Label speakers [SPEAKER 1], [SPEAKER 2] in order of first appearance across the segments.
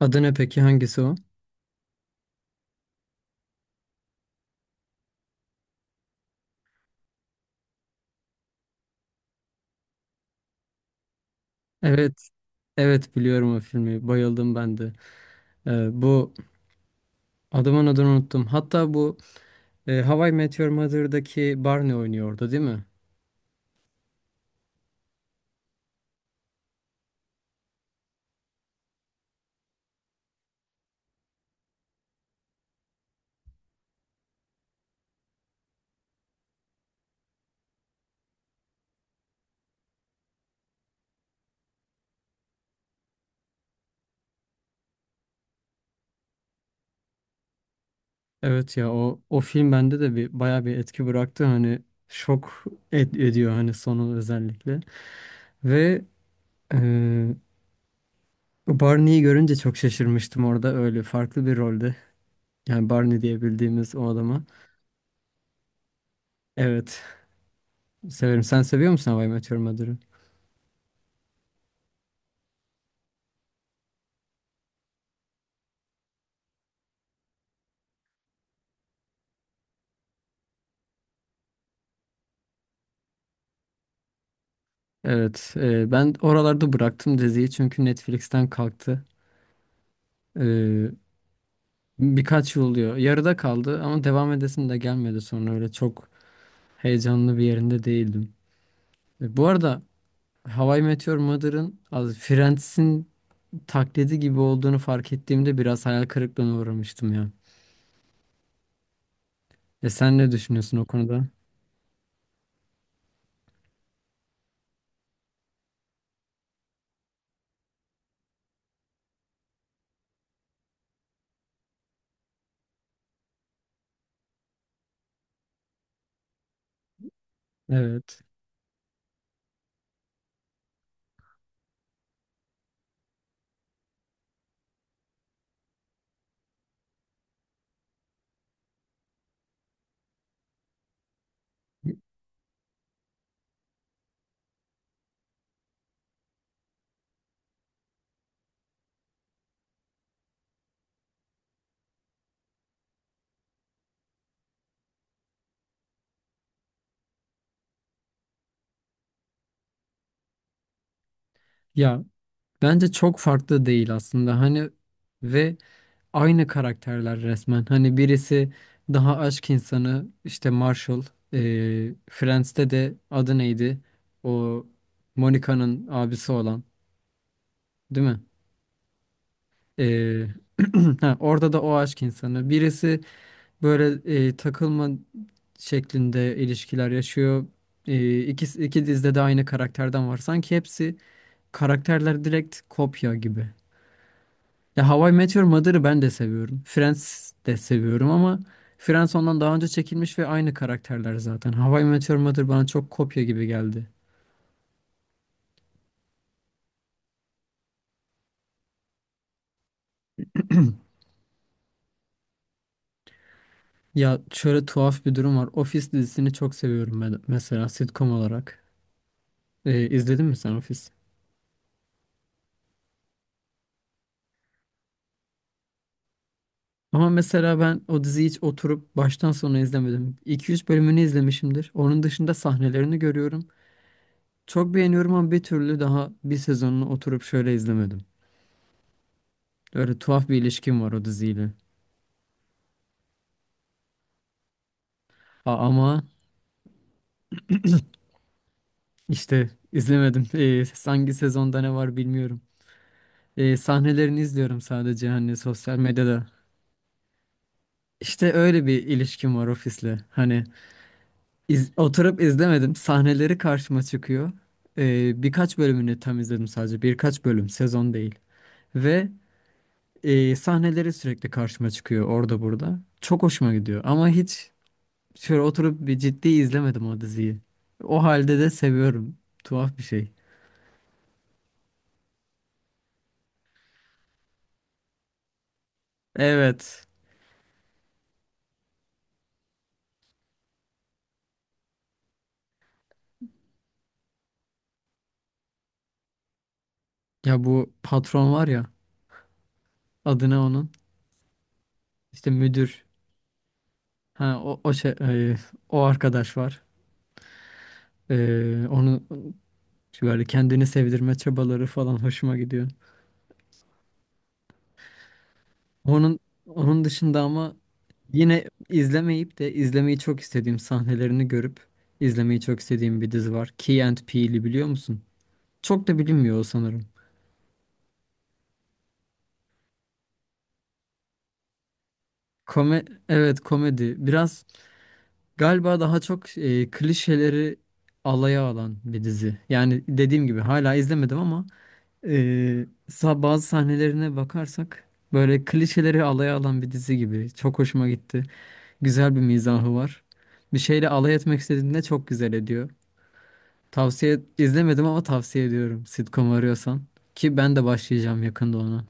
[SPEAKER 1] Adı ne peki? Hangisi o? Evet. Evet biliyorum o filmi. Bayıldım ben de. Bu adamın adını unuttum. Hatta How I Met Your Mother'daki Barney oynuyordu değil mi? Evet ya o film bende de bir bayağı bir etki bıraktı. Hani şok ediyor hani sonu özellikle. Ve e, Barney'i görünce çok şaşırmıştım orada öyle farklı bir rolde. Yani Barney diye bildiğimiz o adama. Evet, severim. Sen seviyor musun How I Met Your Mother'ı? Evet, ben oralarda bıraktım diziyi çünkü Netflix'ten kalktı. E, Birkaç yıl oluyor. Yarıda kaldı ama devam edesim de gelmedi, sonra öyle çok heyecanlı bir yerinde değildim. Bu arada How I Met Your Mother'ın az Friends'in taklidi gibi olduğunu fark ettiğimde biraz hayal kırıklığına uğramıştım ya. E, sen ne düşünüyorsun o konuda? Evet. Ya bence çok farklı değil aslında. Hani ve aynı karakterler resmen. Hani birisi daha aşk insanı, işte Marshall. E, Friends'te de adı neydi? O Monica'nın abisi olan, değil mi? E, ha, orada da o aşk insanı. Birisi böyle takılma şeklinde ilişkiler yaşıyor. E, iki dizide de aynı karakterden var. Sanki hepsi karakterler direkt kopya gibi. Ya How I Met Your Mother'ı ben de seviyorum. Friends de seviyorum ama Friends ondan daha önce çekilmiş ve aynı karakterler zaten. How I Met Your Mother bana çok kopya gibi geldi. Ya şöyle tuhaf bir durum var. Office dizisini çok seviyorum ben mesela sitcom olarak. İzledin mi sen Office? Ama mesela ben o diziyi hiç oturup baştan sona izlemedim. 2-3 bölümünü izlemişimdir. Onun dışında sahnelerini görüyorum. Çok beğeniyorum ama bir türlü daha bir sezonunu oturup şöyle izlemedim. Öyle tuhaf bir ilişkim var o diziyle. Ama İşte izlemedim. Hangi sezonda ne var bilmiyorum. Sahnelerini izliyorum sadece, hani sosyal medyada. İşte öyle bir ilişkim var ofisle. Hani oturup izlemedim. Sahneleri karşıma çıkıyor. Birkaç bölümünü tam izledim sadece. Birkaç bölüm, sezon değil. Ve Sahneleri sürekli karşıma çıkıyor orada burada. Çok hoşuma gidiyor. Ama hiç şöyle oturup bir ciddi izlemedim o diziyi. O halde de seviyorum. Tuhaf bir şey. Evet. Ya bu patron var ya. Adına onun, işte müdür, ha o o arkadaş var. E, onu böyle kendini sevdirme çabaları falan hoşuma gidiyor. Onun onun dışında ama yine izlemeyip de izlemeyi çok istediğim sahnelerini görüp izlemeyi çok istediğim bir dizi var. Key and Peele'i biliyor musun? Çok da bilinmiyor o sanırım. Kome, evet, komedi. Biraz galiba daha çok klişeleri alaya alan bir dizi. Yani dediğim gibi hala izlemedim ama bazı sahnelerine bakarsak böyle klişeleri alaya alan bir dizi gibi. Çok hoşuma gitti. Güzel bir mizahı var. Bir şeyle alay etmek istediğinde çok güzel ediyor. Tavsiye izlemedim ama tavsiye ediyorum, sitcom arıyorsan. Ki ben de başlayacağım yakında ona.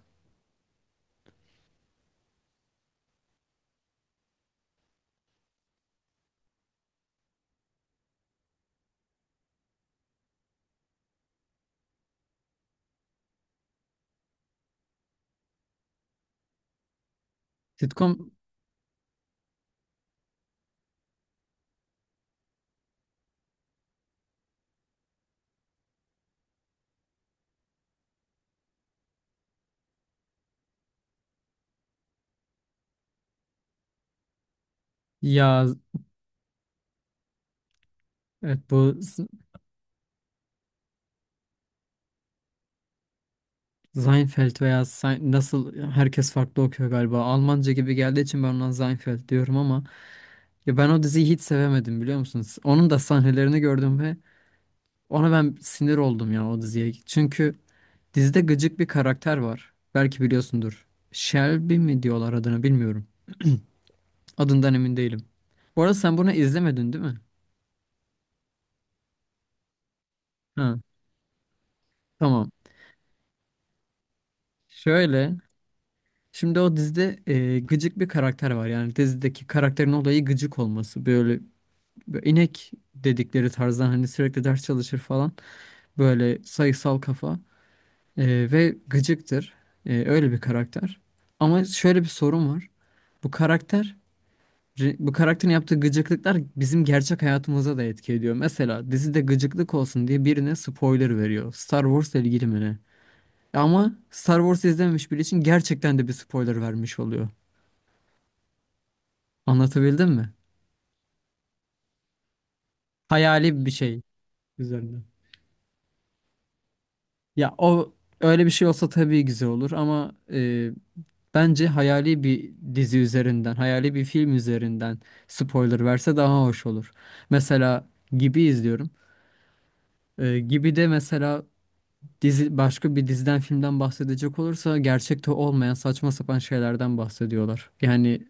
[SPEAKER 1] Sitcom, ya evet, Seinfeld veya nasıl, herkes farklı okuyor galiba. Almanca gibi geldiği için ben ona Seinfeld diyorum ama ya ben o diziyi hiç sevemedim, biliyor musunuz? Onun da sahnelerini gördüm ve ona ben sinir oldum ya, o diziye. Çünkü dizide gıcık bir karakter var. Belki biliyorsundur. Shelby mi diyorlar adına bilmiyorum. Adından emin değilim. Bu arada sen bunu izlemedin değil mi? Ha, tamam. Şöyle. Şimdi o dizide gıcık bir karakter var. Yani dizideki karakterin olayı gıcık olması. Böyle inek dedikleri tarzdan, hani sürekli ders çalışır falan. Böyle sayısal kafa. E, ve gıcıktır. E, öyle bir karakter. Ama şöyle bir sorun var. Bu karakter, bu karakterin yaptığı gıcıklıklar bizim gerçek hayatımıza da etki ediyor. Mesela dizide gıcıklık olsun diye birine spoiler veriyor. Star Wars'la ilgili mi ne? Ama Star Wars izlememiş biri için gerçekten de bir spoiler vermiş oluyor. Anlatabildim mi? Hayali bir şey üzerinde. Ya o öyle bir şey olsa tabii güzel olur ama bence hayali bir dizi üzerinden, hayali bir film üzerinden spoiler verse daha hoş olur. Mesela Gibi izliyorum. E, Gibi de mesela, dizi başka bir diziden filmden bahsedecek olursa gerçekte olmayan saçma sapan şeylerden bahsediyorlar. Yani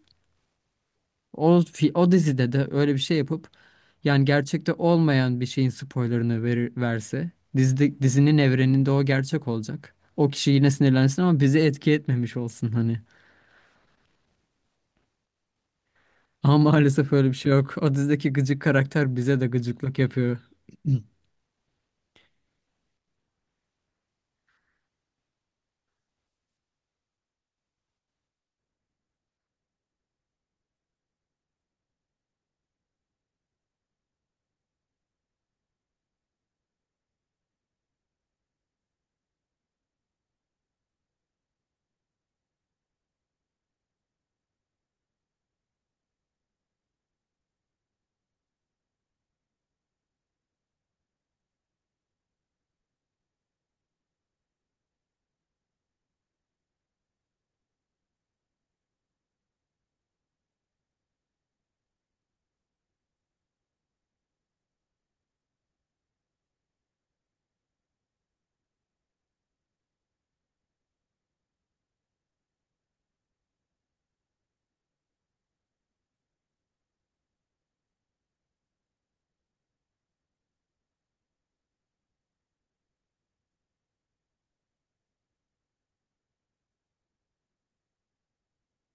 [SPEAKER 1] o dizide de öyle bir şey yapıp, yani gerçekte olmayan bir şeyin spoilerını verse, dizinin evreninde o gerçek olacak. O kişi yine sinirlensin ama bizi etki etmemiş olsun hani. Ama maalesef öyle bir şey yok. O dizideki gıcık karakter bize de gıcıklık yapıyor.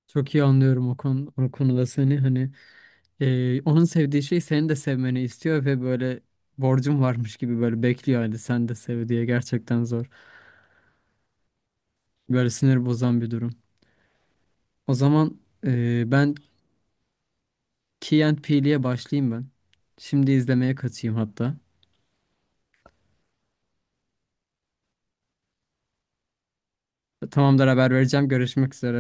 [SPEAKER 1] Çok iyi anlıyorum o konu, o konuda seni hani. Onun sevdiği şey senin de sevmeni istiyor ve böyle borcum varmış gibi böyle bekliyor, hadi sen de sev diye. Gerçekten zor. Böyle sinir bozan bir durum. O zaman ben Key and Peele'ye başlayayım ben. Şimdi izlemeye kaçayım hatta. Tamamdır, haber vereceğim. Görüşmek üzere.